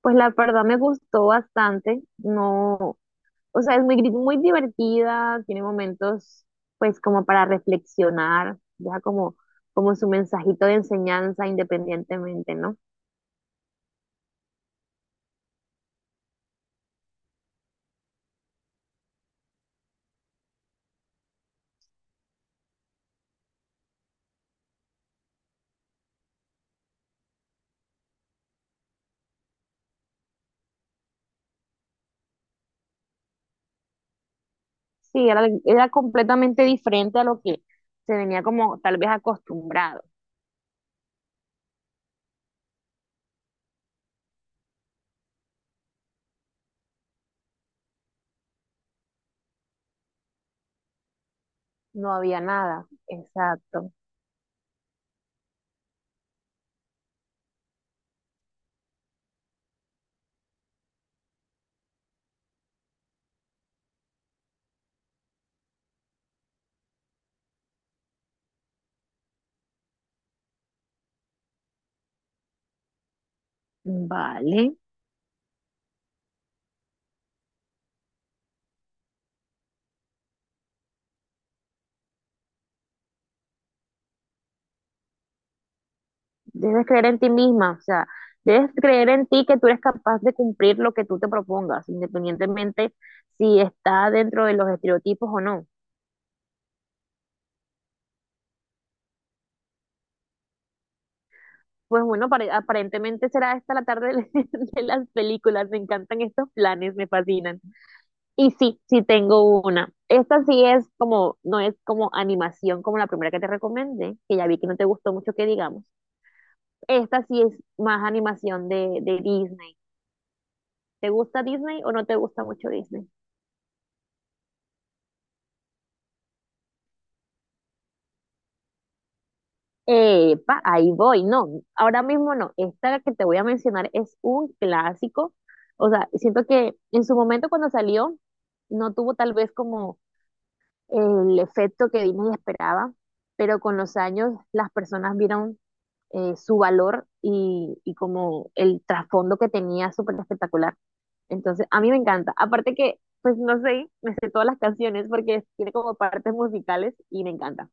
Pues la verdad me gustó bastante, no, o sea, es muy, muy divertida, tiene momentos pues como para reflexionar, deja como, como su mensajito de enseñanza independientemente, ¿no? Sí, era completamente diferente a lo que se venía como tal vez acostumbrado, no había nada, exacto, vale. Debes creer en ti misma, o sea, debes creer en ti que tú eres capaz de cumplir lo que tú te propongas, independientemente si está dentro de los estereotipos o no. Pues bueno, aparentemente será esta la tarde de de las películas. Me encantan estos planes, me fascinan. Y sí, sí tengo una. Esta sí es como, no es como animación como la primera que te recomendé, que ya vi que no te gustó mucho que digamos. Esta sí es más animación de Disney. ¿Te gusta Disney o no te gusta mucho Disney? Epa, ahí voy. No, ahora mismo no. Esta que te voy a mencionar es un clásico. O sea, siento que en su momento cuando salió no tuvo tal vez como el efecto que Disney esperaba, pero con los años las personas vieron su valor y como el trasfondo que tenía súper espectacular. Entonces, a mí me encanta. Aparte que, pues no sé, me sé todas las canciones porque tiene como partes musicales y me encanta.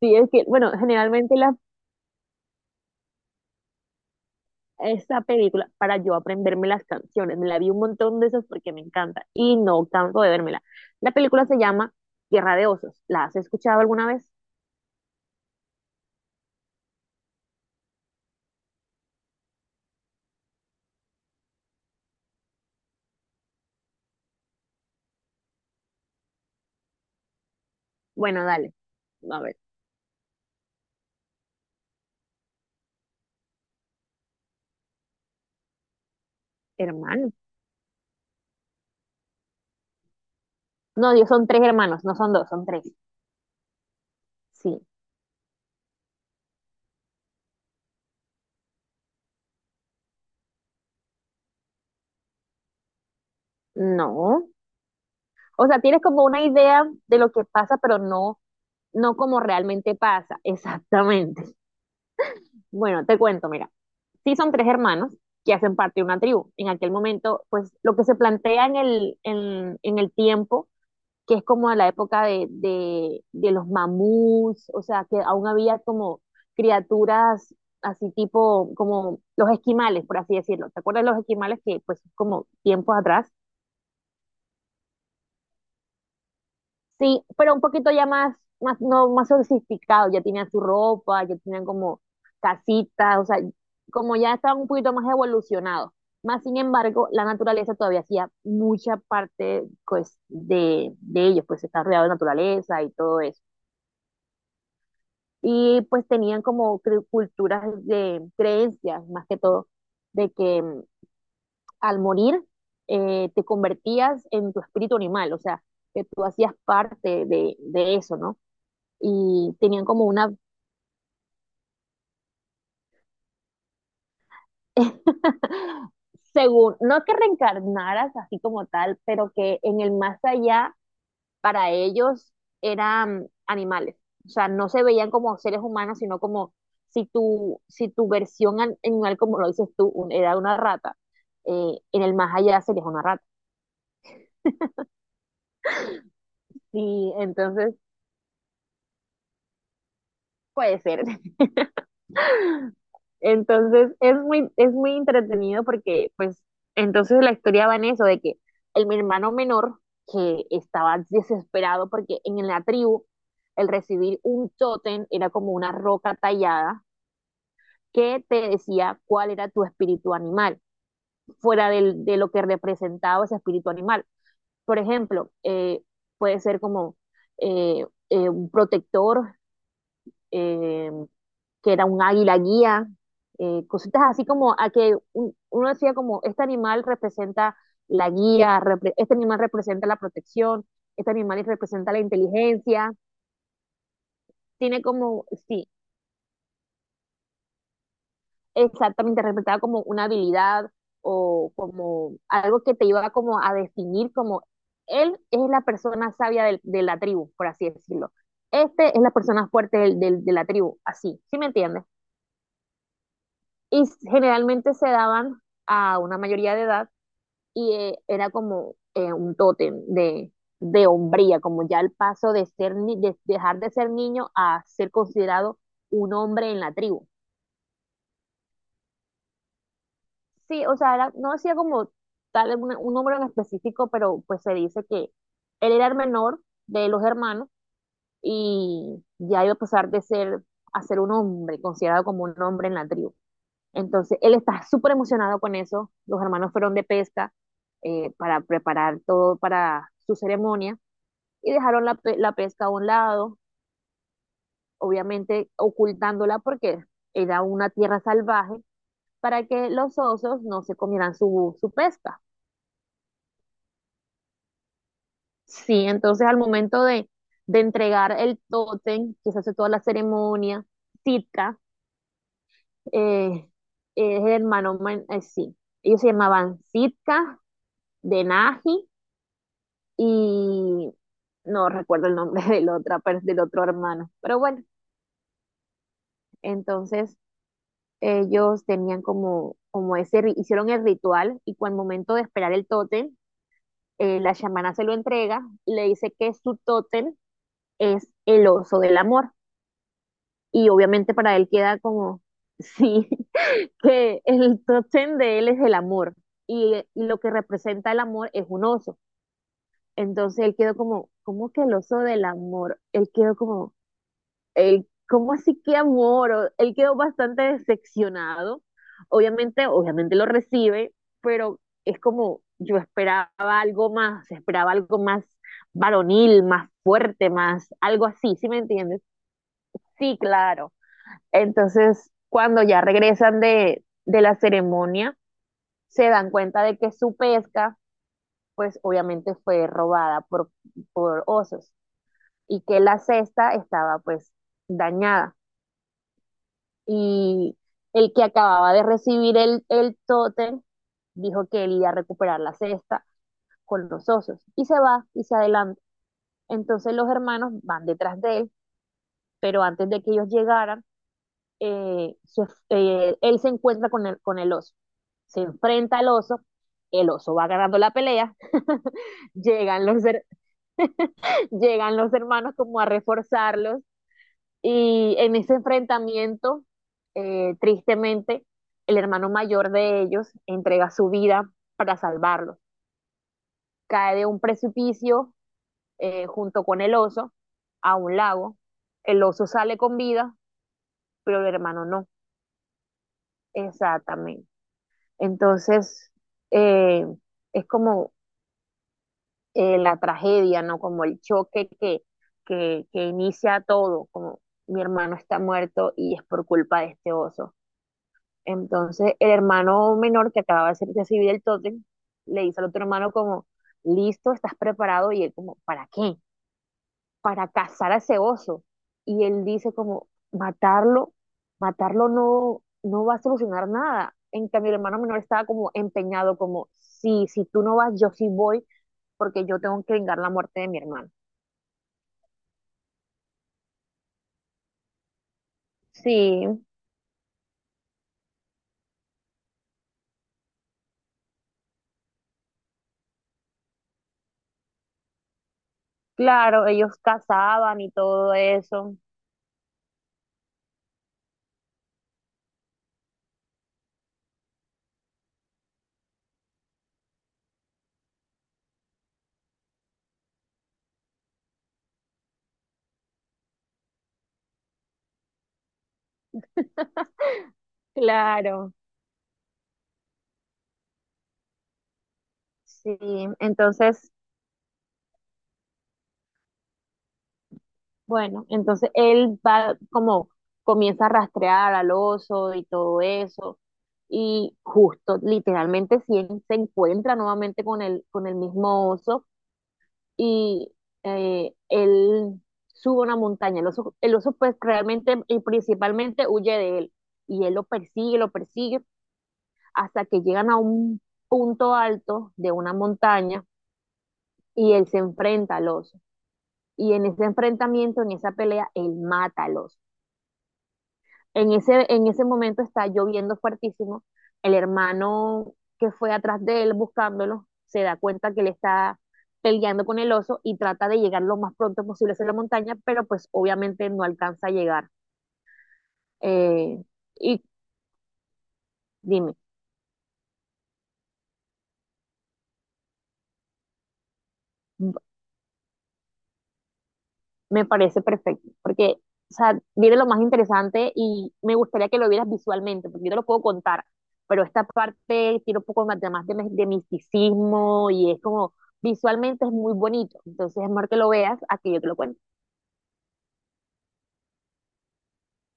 Sí, es que, bueno, generalmente las esa película para yo aprenderme las canciones. Me la vi un montón de esas porque me encanta y no canso de vérmela. La película se llama Tierra de Osos. ¿La has escuchado alguna vez? Bueno, dale. A ver, hermano. No, Dios, son tres hermanos, no son dos, son tres. Sí, no. O sea, tienes como una idea de lo que pasa, pero no, no como realmente pasa. Exactamente. Bueno, te cuento, mira. Sí son tres hermanos que hacen parte de una tribu. En aquel momento, pues lo que se plantea en el tiempo que es como a la época de los mamuts, o sea, que aún había como criaturas así tipo, como los esquimales, por así decirlo. ¿Te acuerdas de los esquimales que pues como tiempos atrás? Sí, pero un poquito ya más, más, no, más sofisticado, ya tenían su ropa, ya tenían como casitas, o sea, como ya estaban un poquito más evolucionados. Más sin embargo, la naturaleza todavía hacía mucha parte pues, de ellos, pues está rodeado de naturaleza y todo eso. Y pues tenían como culturas de creencias, más que todo, de que al morir te convertías en tu espíritu animal, o sea, que tú hacías parte de eso, ¿no? Y tenían como una, según, no que reencarnaras así como tal, pero que en el más allá para ellos eran animales. O sea, no se veían como seres humanos, sino como si tu versión animal, como lo dices tú, era una rata, en el más allá serías una rata. Y entonces, puede ser. Entonces, es muy entretenido porque, pues, entonces la historia va en eso, de que el mi hermano menor, que estaba desesperado porque en la tribu, el recibir un tótem era como una roca tallada que te decía cuál era tu espíritu animal, fuera del, de lo que representaba ese espíritu animal. Por ejemplo, puede ser como un protector, eh, que era un águila guía, cositas así como a que un, uno decía como, este animal representa la guía, repre este animal representa la protección, este animal representa la inteligencia, tiene como, sí, exactamente interpretaba como una habilidad o como algo que te iba como a definir como él es la persona sabia de, la tribu, por así decirlo. Este es la persona fuerte de la tribu, así, ¿sí me entiendes? Y generalmente se daban a una mayoría de edad y era como un tótem de hombría, como ya el paso de ser de dejar de ser niño a ser considerado un hombre en la tribu. Sí, o sea, no decía como tal un número en específico, pero pues se dice que él era el menor de los hermanos y ya iba a pasar de ser a ser un hombre, considerado como un hombre en la tribu. Entonces, él está súper emocionado con eso. Los hermanos fueron de pesca para preparar todo para su ceremonia y dejaron la, la pesca a un lado, obviamente ocultándola porque era una tierra salvaje para que los osos no se comieran su, su pesca. Sí, entonces al momento de entregar el tótem, que se hace toda la ceremonia, Sitka eh, es el hermano, sí, ellos se llamaban Sitka, Denaji y no recuerdo el nombre del, otra, del otro hermano, pero bueno, entonces ellos tenían como, como ese, hicieron el ritual y cuando al momento de esperar el tótem, la chamana se lo entrega, le dice que su tótem es el oso del amor. Y obviamente para él queda como, sí, que el top ten de él es el amor. Y lo que representa el amor es un oso. Entonces él quedó como, ¿cómo que el oso del amor? Él quedó como, él, ¿cómo así que amor? Él quedó bastante decepcionado. Obviamente, obviamente lo recibe, pero es como, yo esperaba algo más varonil, más fuerte, más algo así, ¿sí me entiendes? Sí, claro. Entonces, cuando ya regresan de la ceremonia, se dan cuenta de que su pesca, pues obviamente fue robada por osos y que la cesta estaba pues dañada. Y el que acababa de recibir el tótem dijo que él iba a recuperar la cesta con los osos y se va y se adelanta. Entonces los hermanos van detrás de él, pero antes de que ellos llegaran, eh, se- él se encuentra con el oso, se enfrenta al oso, el oso va ganando la pelea, llegan los, llegan los hermanos como a reforzarlos y en ese enfrentamiento, tristemente, el hermano mayor de ellos entrega su vida para salvarlos. Cae de un precipicio junto con el oso a un lago. El oso sale con vida, pero el hermano no. Exactamente. Entonces, eh, es como la tragedia, ¿no? Como el choque que inicia todo, como mi hermano está muerto y es por culpa de este oso. Entonces, el hermano menor que acababa de recibir el tótem, le dice al otro hermano como, listo, estás preparado, y él como, ¿para qué? Para cazar a ese oso. Y él dice como, matarlo, matarlo no, no va a solucionar nada. En cambio, el hermano menor estaba como empeñado, como, sí, si tú no vas, yo sí voy, porque yo tengo que vengar la muerte de mi hermano. Sí, claro, ellos cazaban y todo eso. Claro, sí. Entonces, bueno, entonces él va como comienza a rastrear al oso y todo eso. Y justo, literalmente, si él se encuentra nuevamente con el mismo oso y él sube una montaña. El oso pues realmente y principalmente huye de él. Y él lo persigue, hasta que llegan a un punto alto de una montaña y él se enfrenta al oso. Y en ese enfrentamiento, en esa pelea, él mata al oso. En ese momento está lloviendo fuertísimo. El hermano que fue atrás de él buscándolo se da cuenta que él está peleando con el oso y trata de llegar lo más pronto posible hacia la montaña, pero pues obviamente no alcanza a llegar. Eh, y dime, me parece perfecto, porque, o sea, viene lo más interesante y me gustaría que lo vieras visualmente, porque yo te lo puedo contar, pero esta parte tiene un poco más de misticismo y es como, visualmente es muy bonito, entonces es mejor que lo veas a que yo te lo cuente.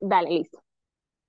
Dale, listo.